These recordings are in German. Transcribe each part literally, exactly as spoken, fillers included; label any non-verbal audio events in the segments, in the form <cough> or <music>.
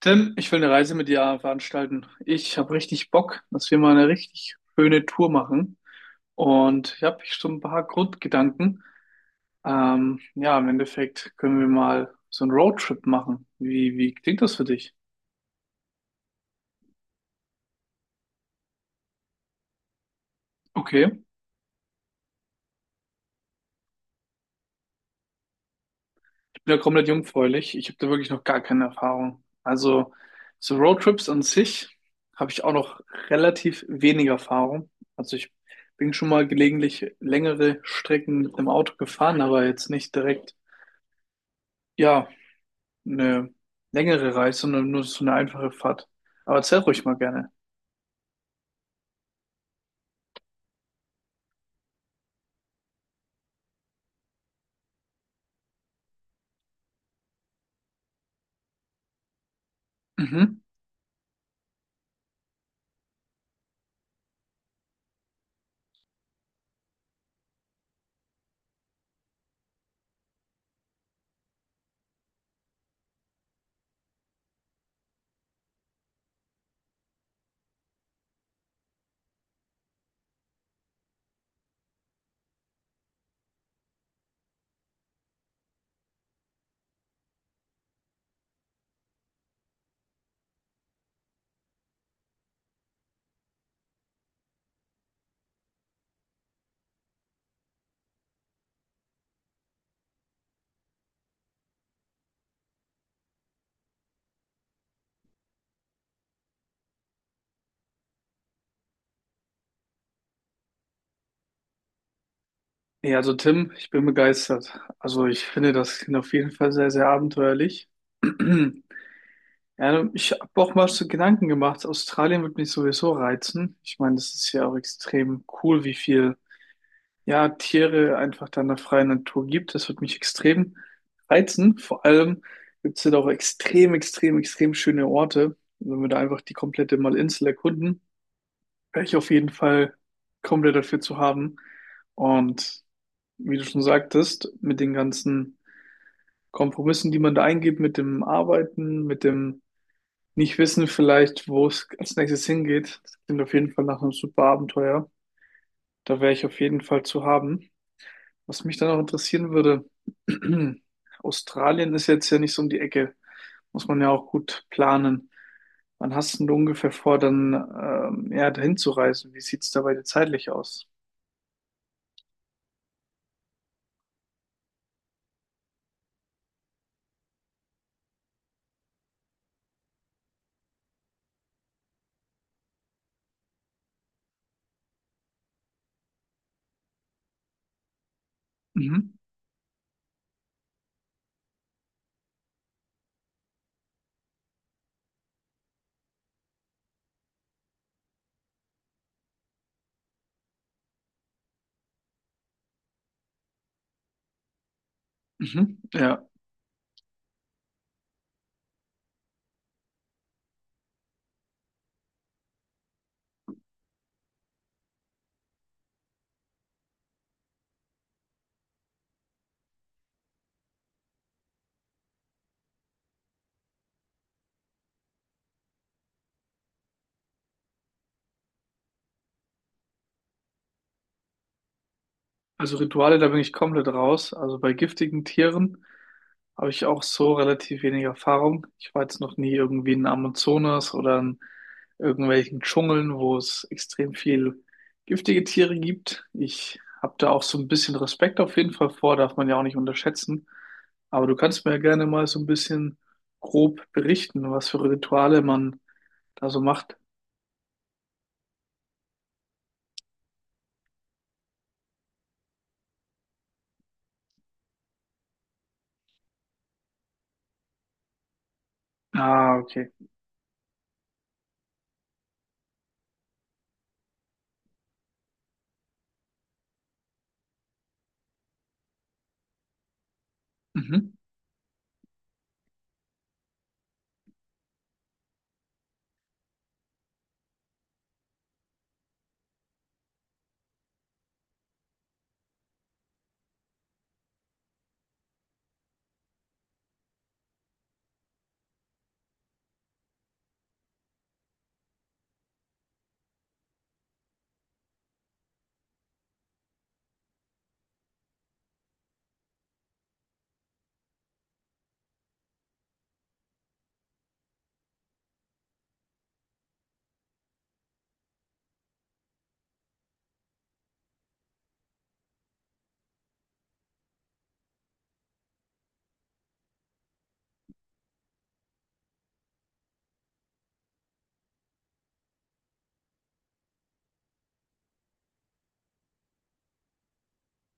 Tim, ich will eine Reise mit dir veranstalten. Ich habe richtig Bock, dass wir mal eine richtig schöne Tour machen. Und ich habe schon ein paar Grundgedanken. Ähm, ja, im Endeffekt können wir mal so einen Roadtrip machen. Wie, wie klingt das für dich? Okay, ich bin ja komplett jungfräulich. Ich habe da wirklich noch gar keine Erfahrung. Also, so Roadtrips an sich habe ich auch noch relativ wenig Erfahrung. Also, ich bin schon mal gelegentlich längere Strecken mit dem Auto gefahren, aber jetzt nicht direkt, ja, eine längere Reise, sondern nur so eine einfache Fahrt. Aber erzähl ruhig mal gerne. Mhm. Ja, also Tim, ich bin begeistert. Also ich finde das klingt auf jeden Fall sehr, sehr abenteuerlich. <clears throat> Ja, ich habe auch mal so Gedanken gemacht, Australien wird mich sowieso reizen. Ich meine, das ist ja auch extrem cool, wie viel, ja, Tiere einfach da in der freien Natur gibt. Das wird mich extrem reizen. Vor allem gibt es da auch extrem, extrem, extrem schöne Orte, wenn wir da einfach die komplette Malinsel erkunden. Wäre ich auf jeden Fall komplett dafür zu haben. Und wie du schon sagtest, mit den ganzen Kompromissen, die man da eingeht, mit dem Arbeiten, mit dem Nicht-Wissen vielleicht, wo es als nächstes hingeht, das klingt auf jeden Fall nach einem super Abenteuer. Da wäre ich auf jeden Fall zu haben. Was mich dann auch interessieren würde: <clears throat> Australien ist jetzt ja nicht so um die Ecke. Muss man ja auch gut planen. Wann hast denn du ungefähr vor, dann ähm, ja, dahin zu reisen? Wie sieht's dabei zeitlich aus? Mhm. Mhm. Ja, also Rituale, da bin ich komplett raus. Also bei giftigen Tieren habe ich auch so relativ wenig Erfahrung. Ich war jetzt noch nie irgendwie in Amazonas oder in irgendwelchen Dschungeln, wo es extrem viel giftige Tiere gibt. Ich habe da auch so ein bisschen Respekt auf jeden Fall vor, darf man ja auch nicht unterschätzen. Aber du kannst mir ja gerne mal so ein bisschen grob berichten, was für Rituale man da so macht. Ah, okay. Mhm.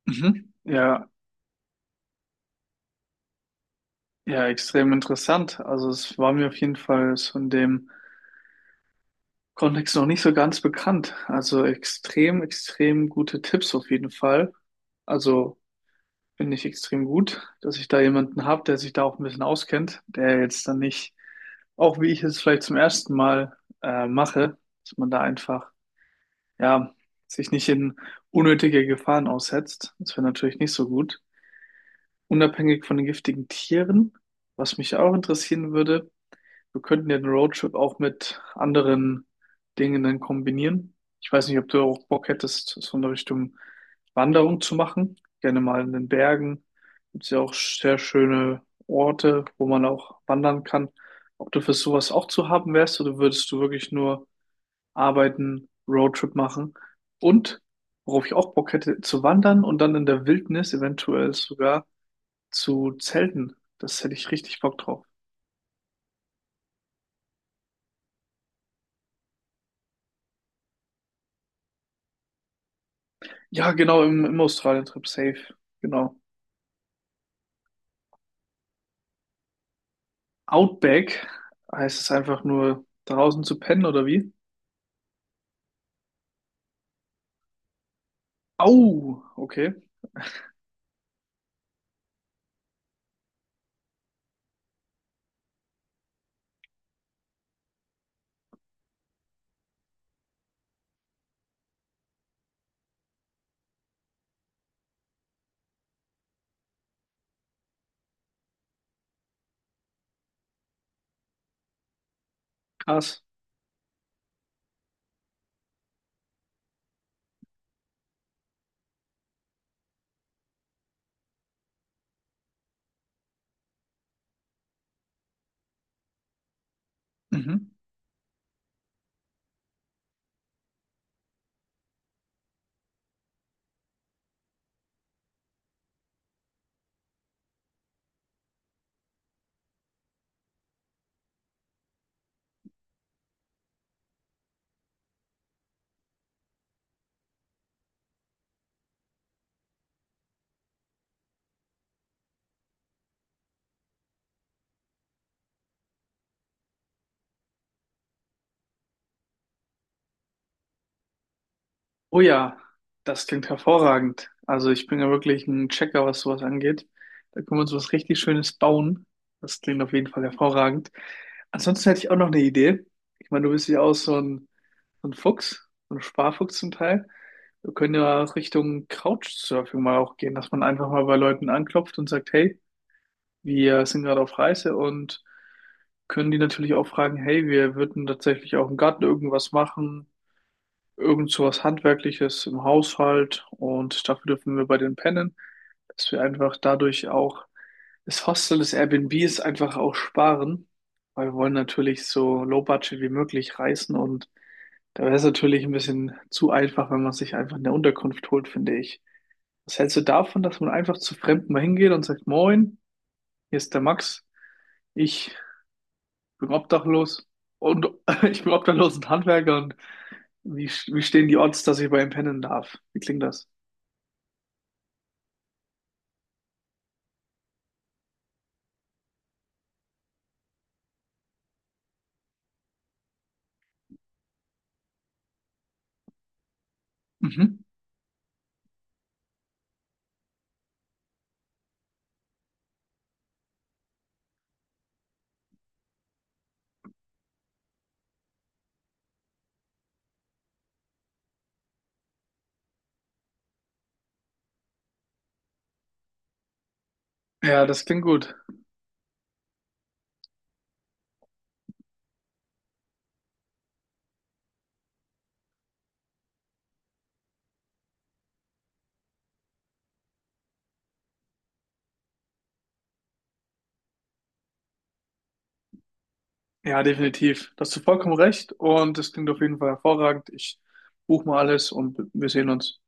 Mhm. Ja, ja, extrem interessant. Also es war mir auf jeden Fall so in dem Kontext noch nicht so ganz bekannt. Also extrem, extrem gute Tipps auf jeden Fall. Also finde ich extrem gut, dass ich da jemanden habe, der sich da auch ein bisschen auskennt, der jetzt dann nicht, auch wie ich es vielleicht zum ersten Mal äh, mache, dass man da einfach, ja, sich nicht in unnötige Gefahren aussetzt. Das wäre natürlich nicht so gut. Unabhängig von den giftigen Tieren, was mich auch interessieren würde: wir könnten ja den Roadtrip auch mit anderen Dingen dann kombinieren. Ich weiß nicht, ob du auch Bock hättest, so in der Richtung Wanderung zu machen. Gerne mal in den Bergen. Gibt es ja auch sehr schöne Orte, wo man auch wandern kann. Ob du für sowas auch zu haben wärst oder würdest du wirklich nur arbeiten, Roadtrip machen? Und worauf ich auch Bock hätte, zu wandern und dann in der Wildnis eventuell sogar zu zelten. Das hätte ich richtig Bock drauf. Ja, genau, im, im Australien-Trip safe. Genau. Outback heißt es einfach nur draußen zu pennen oder wie? Au, okay, krass. Mhm. Oh ja, das klingt hervorragend. Also ich bin ja wirklich ein Checker, was sowas angeht. Da können wir uns was richtig Schönes bauen. Das klingt auf jeden Fall hervorragend. Ansonsten hätte ich auch noch eine Idee. Ich meine, du bist ja auch so ein, so ein Fuchs, so ein Sparfuchs zum Teil. Wir können ja Richtung Couchsurfing mal auch gehen, dass man einfach mal bei Leuten anklopft und sagt: hey, wir sind gerade auf Reise und können die natürlich auch fragen, hey, wir würden tatsächlich auch im Garten irgendwas machen, irgend sowas Handwerkliches im Haushalt, und dafür dürfen wir bei denen pennen, dass wir einfach dadurch auch das Hostel, das Airbnb ist einfach auch sparen, weil wir wollen natürlich so low budget wie möglich reisen und da wäre es natürlich ein bisschen zu einfach, wenn man sich einfach eine Unterkunft holt, finde ich. Was hältst du davon, dass man einfach zu Fremden mal hingeht und sagt: Moin, hier ist der Max? Ich bin obdachlos und <laughs> ich bin obdachlos und Handwerker und wie, wie stehen die Odds, dass ich bei ihm pennen darf? Wie klingt das? Mhm. Ja, das klingt gut. Ja, definitiv. Da hast du vollkommen recht und das klingt auf jeden Fall hervorragend. Ich buche mal alles und wir sehen uns.